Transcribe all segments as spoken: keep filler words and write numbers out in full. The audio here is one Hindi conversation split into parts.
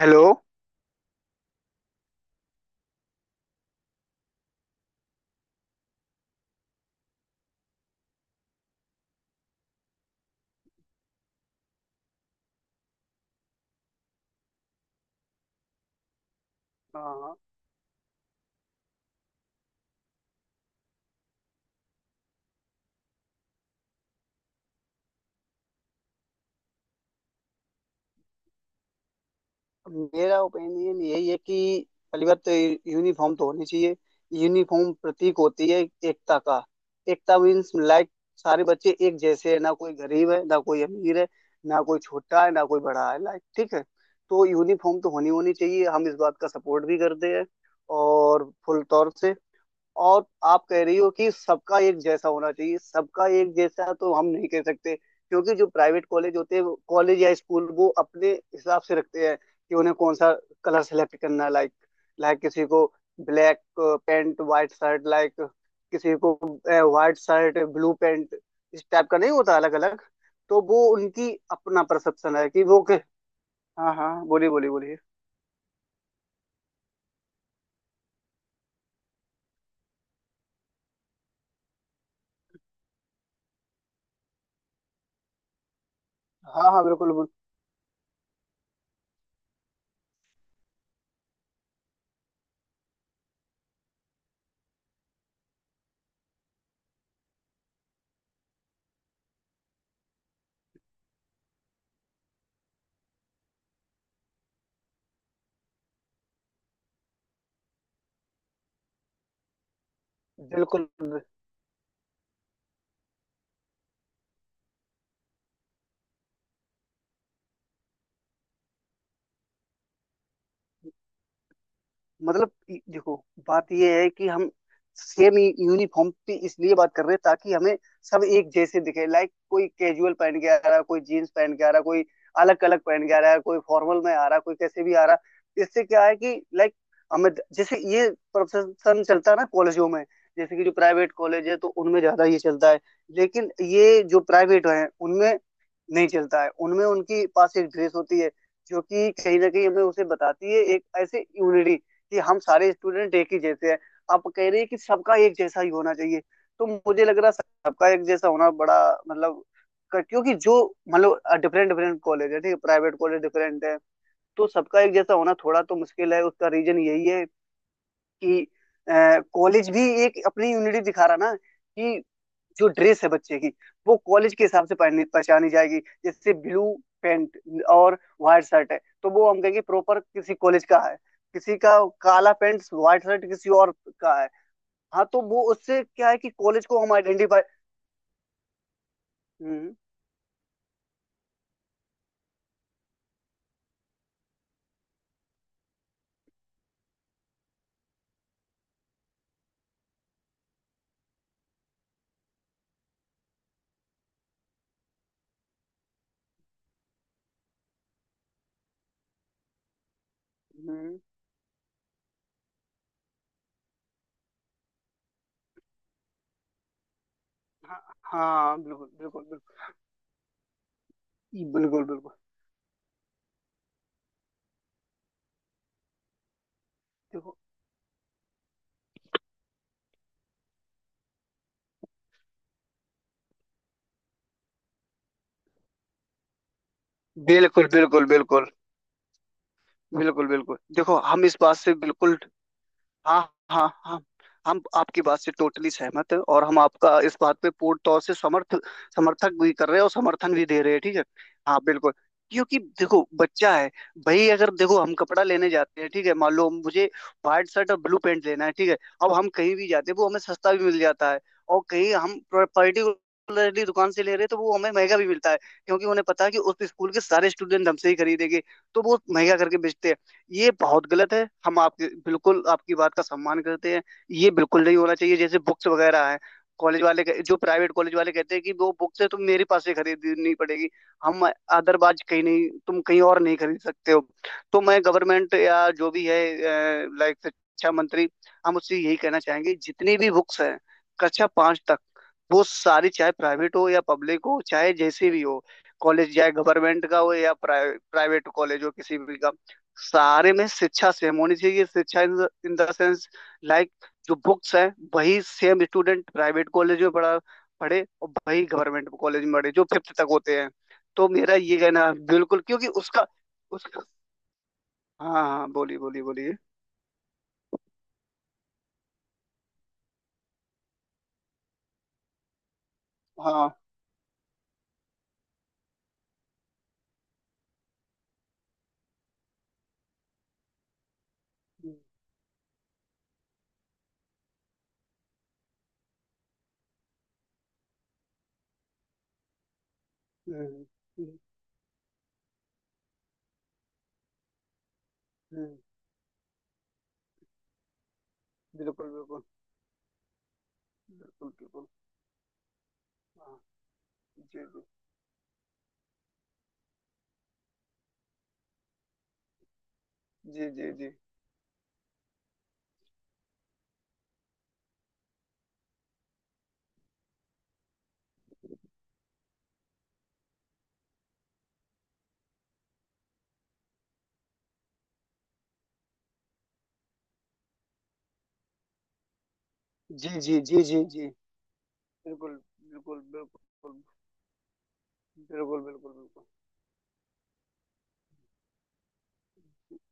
हेलो। हाँ, मेरा ओपिनियन यही है कि पहली बात तो यूनिफॉर्म तो होनी चाहिए। यूनिफॉर्म प्रतीक होती है एकता का। एकता मीन्स लाइक सारे बच्चे एक जैसे हैं, ना कोई गरीब है ना कोई अमीर है, ना कोई छोटा है ना कोई बड़ा है, लाइक ठीक है। तो यूनिफॉर्म तो होनी होनी चाहिए, हम इस बात का सपोर्ट भी करते हैं और फुल तौर से। और आप कह रही हो कि सबका एक जैसा होना चाहिए, सबका एक जैसा तो हम नहीं कह सकते, क्योंकि जो प्राइवेट कॉलेज होते हैं, कॉलेज या स्कूल, वो अपने हिसाब से रखते हैं कि उन्हें कौन सा कलर सेलेक्ट करना है। लाइक लाइक किसी को black pant white shirt, like किसी को वाइट शर्ट ब्लू पैंट, इस टाइप का नहीं होता, अलग अलग। तो वो उनकी अपना परसेप्शन है कि वो के। हाँ हाँ, बोलिए बोलिए बोलिए। हाँ हाँ, बिल्कुल बिल्कुल। मतलब इ- देखो बात यह है कि हम सेम यूनिफॉर्म पे इसलिए बात कर रहे हैं ताकि हमें सब एक जैसे दिखे। लाइक कोई कैजुअल पहन के आ रहा है, कोई जीन्स पहन के आ रहा है, कोई अलग अलग पहन के आ रहा है, कोई फॉर्मल में आ रहा है, कोई कैसे भी आ रहा है। इससे क्या है कि लाइक हमें जैसे ये प्रोफेशन चलता है ना कॉलेजों में। जैसे कि जो प्राइवेट कॉलेज है तो उनमें ज्यादा ये चलता है, लेकिन ये जो प्राइवेट है उनमें नहीं चलता है। उनमें उनके पास एक ड्रेस होती है जो कि कहीं ना कहीं हमें उसे बताती है एक ऐसे यूनिटी कि हम सारे स्टूडेंट एक ही जैसे हैं। आप कह रहे हैं कि सबका एक जैसा ही होना चाहिए, तो मुझे लग रहा है सबका एक जैसा होना बड़ा, मतलब क- क्योंकि जो, मतलब डिफरेंट डिफरेंट कॉलेज है, ठीक है, प्राइवेट कॉलेज डिफरेंट है। तो सबका एक जैसा होना थोड़ा तो मुश्किल है, उसका रीजन यही है कि कॉलेज भी एक अपनी यूनिटी दिखा रहा ना, कि जो ड्रेस है बच्चे की वो कॉलेज के हिसाब से पहनी- पहचानी जाएगी। जैसे ब्लू पैंट और व्हाइट शर्ट है तो वो हम कहेंगे प्रॉपर किसी कॉलेज का है, किसी का काला पैंट व्हाइट शर्ट किसी और का है। हाँ, तो वो उससे क्या है कि कॉलेज को हम आइडेंटिफाई। हम्म। हम्म, हाँ हाँ, बिल्कुल बिल्कुल बिल्कुल। बिल्कुल बिल्कुल देखो, बिल्कुल बिल्कुल बिल्कुल। बिल्कुल बिल्कुल देखो, हम इस बात से बिल्कुल। हाँ हाँ हाँ, हम आपकी बात से टोटली सहमत हैं और हम आपका इस बात पे पूर्ण तौर से समर्थ, समर्थक भी कर रहे हैं और समर्थन भी दे रहे हैं, ठीक है। हाँ बिल्कुल। क्योंकि देखो, बच्चा है भाई, अगर देखो हम कपड़ा लेने जाते हैं, ठीक है, मान लो मुझे व्हाइट शर्ट और ब्लू पैंट लेना है, ठीक है। अब हम कहीं भी जाते हैं वो हमें सस्ता भी मिल जाता है, और कहीं हम पर्टिकुलरली दुकान से ले रहे हैं तो वो हमें महंगा भी मिलता है, क्योंकि उन्हें पता है कि उस स्कूल के सारे स्टूडेंट हमसे ही खरीदेंगे तो वो महंगा करके बेचते हैं। ये बहुत गलत है, हम आपके, बिल्कुल आपकी बात का सम्मान करते हैं। ये बिल्कुल नहीं होना चाहिए। जैसे बुक्स वगैरह हैं, कॉलेज वाले कह- जो प्राइवेट कॉलेज वाले कहते हैं कि वो बुक्स है तुम मेरे पास से खरीदनी पड़ेगी, हम, अदरवाइज कहीं नहीं, तुम कहीं और नहीं खरीद सकते हो। तो मैं गवर्नमेंट या जो भी है लाइक शिक्षा मंत्री, हम उससे यही कहना चाहेंगे, जितनी भी बुक्स हैं कक्षा पांच तक, वो सारी चाहे प्राइवेट हो या पब्लिक हो, चाहे जैसे भी हो, कॉलेज चाहे गवर्नमेंट का हो या प्राइवेट कॉलेज हो, किसी भी का, सारे में शिक्षा सेम होनी चाहिए। शिक्षा इन द सेंस लाइक जो बुक्स है वही सेम, स्टूडेंट प्राइवेट कॉलेज में पढ़ा पढ़े और वही गवर्नमेंट कॉलेज में पढ़े, जो फिफ्थ तक होते हैं। तो मेरा ये कहना है, बिल्कुल, क्योंकि उसका, उसका। हाँ हाँ, बोलिए बोलिए बोलिए। हाँ। हम्म। हम्म। हम्म। बिल्कुल बिल्कुल बिल्कुल बिल्कुल। हाँ। जी जी जी जी जी। जी जी जी जी जी। बिल्कुल बिल्कुल बिल्कुल। बिल्कुल बिल्कुल बिल्कुल।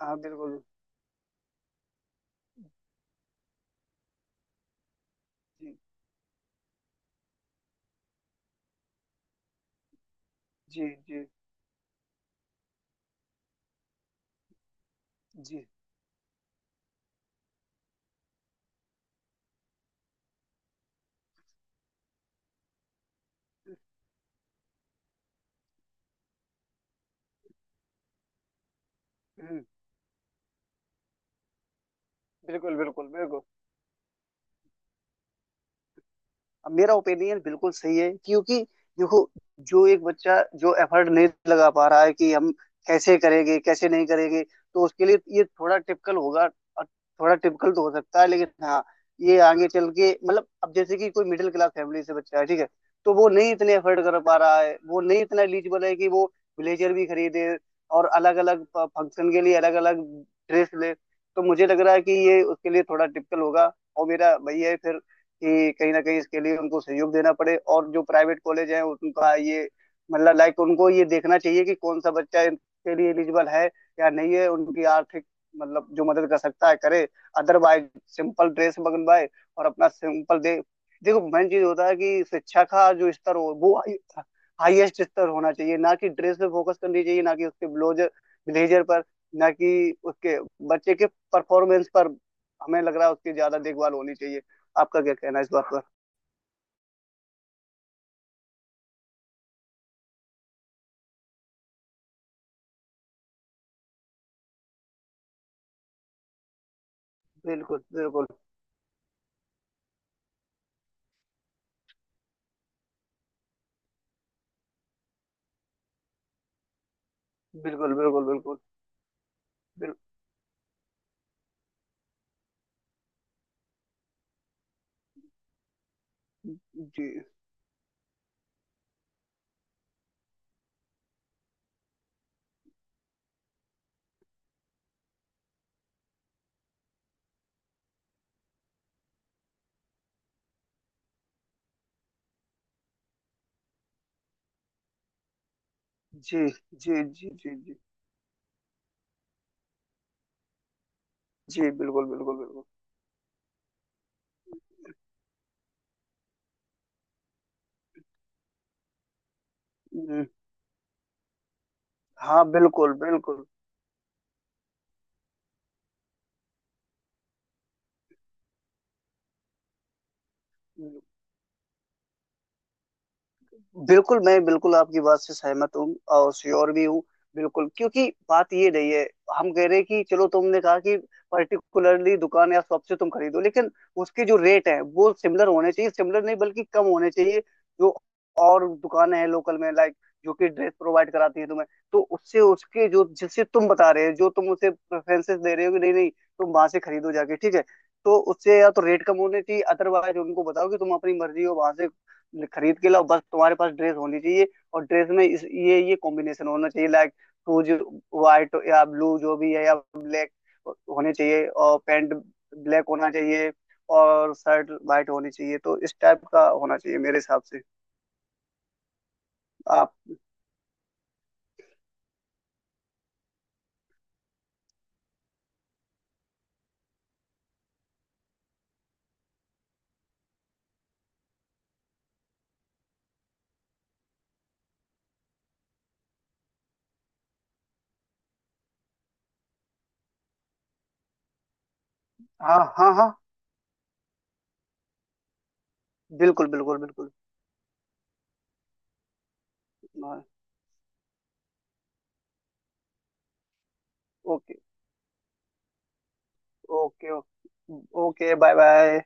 हाँ बिल्कुल। जी जी जी जी। हम्म, बिल्कुल बिल्कुल बिल्कुल। अब मेरा ओपिनियन बिल्कुल सही है, क्योंकि देखो, जो एक बच्चा जो एफर्ट नहीं लगा पा रहा है कि हम कैसे करेंगे कैसे नहीं करेंगे, तो उसके लिए ये थोड़ा टिपिकल होगा। और थोड़ा टिपिकल तो हो सकता है, लेकिन हाँ, ये आगे चल के, मतलब, अब जैसे कि कोई मिडिल क्लास फैमिली से बच्चा है, ठीक है, तो वो नहीं इतने एफर्ट कर पा रहा है, वो नहीं इतना एलिजिबल है कि वो ब्लेजर भी खरीदे और अलग अलग फंक्शन के लिए अलग अलग ड्रेस ले। तो मुझे लग रहा है कि ये उसके लिए थोड़ा टिपिकल होगा। और मेरा भैया फिर, कि कहीं ना कहीं इसके लिए उनको सहयोग देना पड़े, और जो प्राइवेट कॉलेज हैं उनका ये, मतलब लाइक उनको ये देखना चाहिए कि कौन सा बच्चा इनके लिए एलिजिबल है या नहीं है, उनकी आर्थिक, मतलब जो मदद कर सकता है करे, अदरवाइज सिंपल ड्रेस बनवाए और अपना सिंपल दे। देखो मेन चीज होता है कि शिक्षा का जो स्तर हो, वो हाईएस्ट स्तर होना चाहिए, ना कि ड्रेस पे फोकस करनी चाहिए, ना कि उसके ब्लाउजर, ब्लेजर पर, ना कि उसके, बच्चे के, परफॉर्मेंस पर। हमें लग रहा है उसकी ज्यादा देखभाल होनी चाहिए। आपका क्या कहना है इस बात पर? बिल्कुल बिल्कुल बिल्कुल। बिल्कुल बिल्कुल, बिल, जी जी जी जी जी जी जी। बिल्कुल बिल्कुल बिल्कुल। हम्म, हाँ बिल्कुल बिल्कुल। बिल्कुल मैं बिल्कुल आपकी बात से सहमत हूँ और श्योर भी हूँ। बिल्कुल, क्योंकि बात ये नहीं है। हम कह रहे हैं कि चलो तुमने कहा कि पर्टिकुलरली दुकान या शॉप से तुम खरीदो, लेकिन उसके जो रेट है वो सिमिलर होने चाहिए, सिमिलर नहीं बल्कि कम होने चाहिए, जो और दुकानें हैं लोकल में लाइक, जो कि ड्रेस प्रोवाइड कराती है तुम्हें। तो उससे उसके जो, जिससे तुम बता रहे हो, जो तुम उसे प्रेफरेंसेस दे रहे हो कि नहीं नहीं तुम वहां से खरीदो जाके, ठीक है, तो उससे या तो रेट कम होने चाहिए, अदरवाइज उनको बताओ कि तुम अपनी मर्जी हो वहां से खरीद के लाओ, बस तुम्हारे पास ड्रेस होनी चाहिए। और ड्रेस में इस ये ये कॉम्बिनेशन होना चाहिए लाइक, शूज व्हाइट या ब्लू जो भी है या ब्लैक होने चाहिए, और पैंट ब्लैक होना चाहिए, और शर्ट व्हाइट होनी चाहिए, तो इस टाइप का होना चाहिए मेरे हिसाब से। आप, हाँ हाँ हाँ, बिल्कुल बिल्कुल बिल्कुल। Okay. Okay. Okay, bye bye.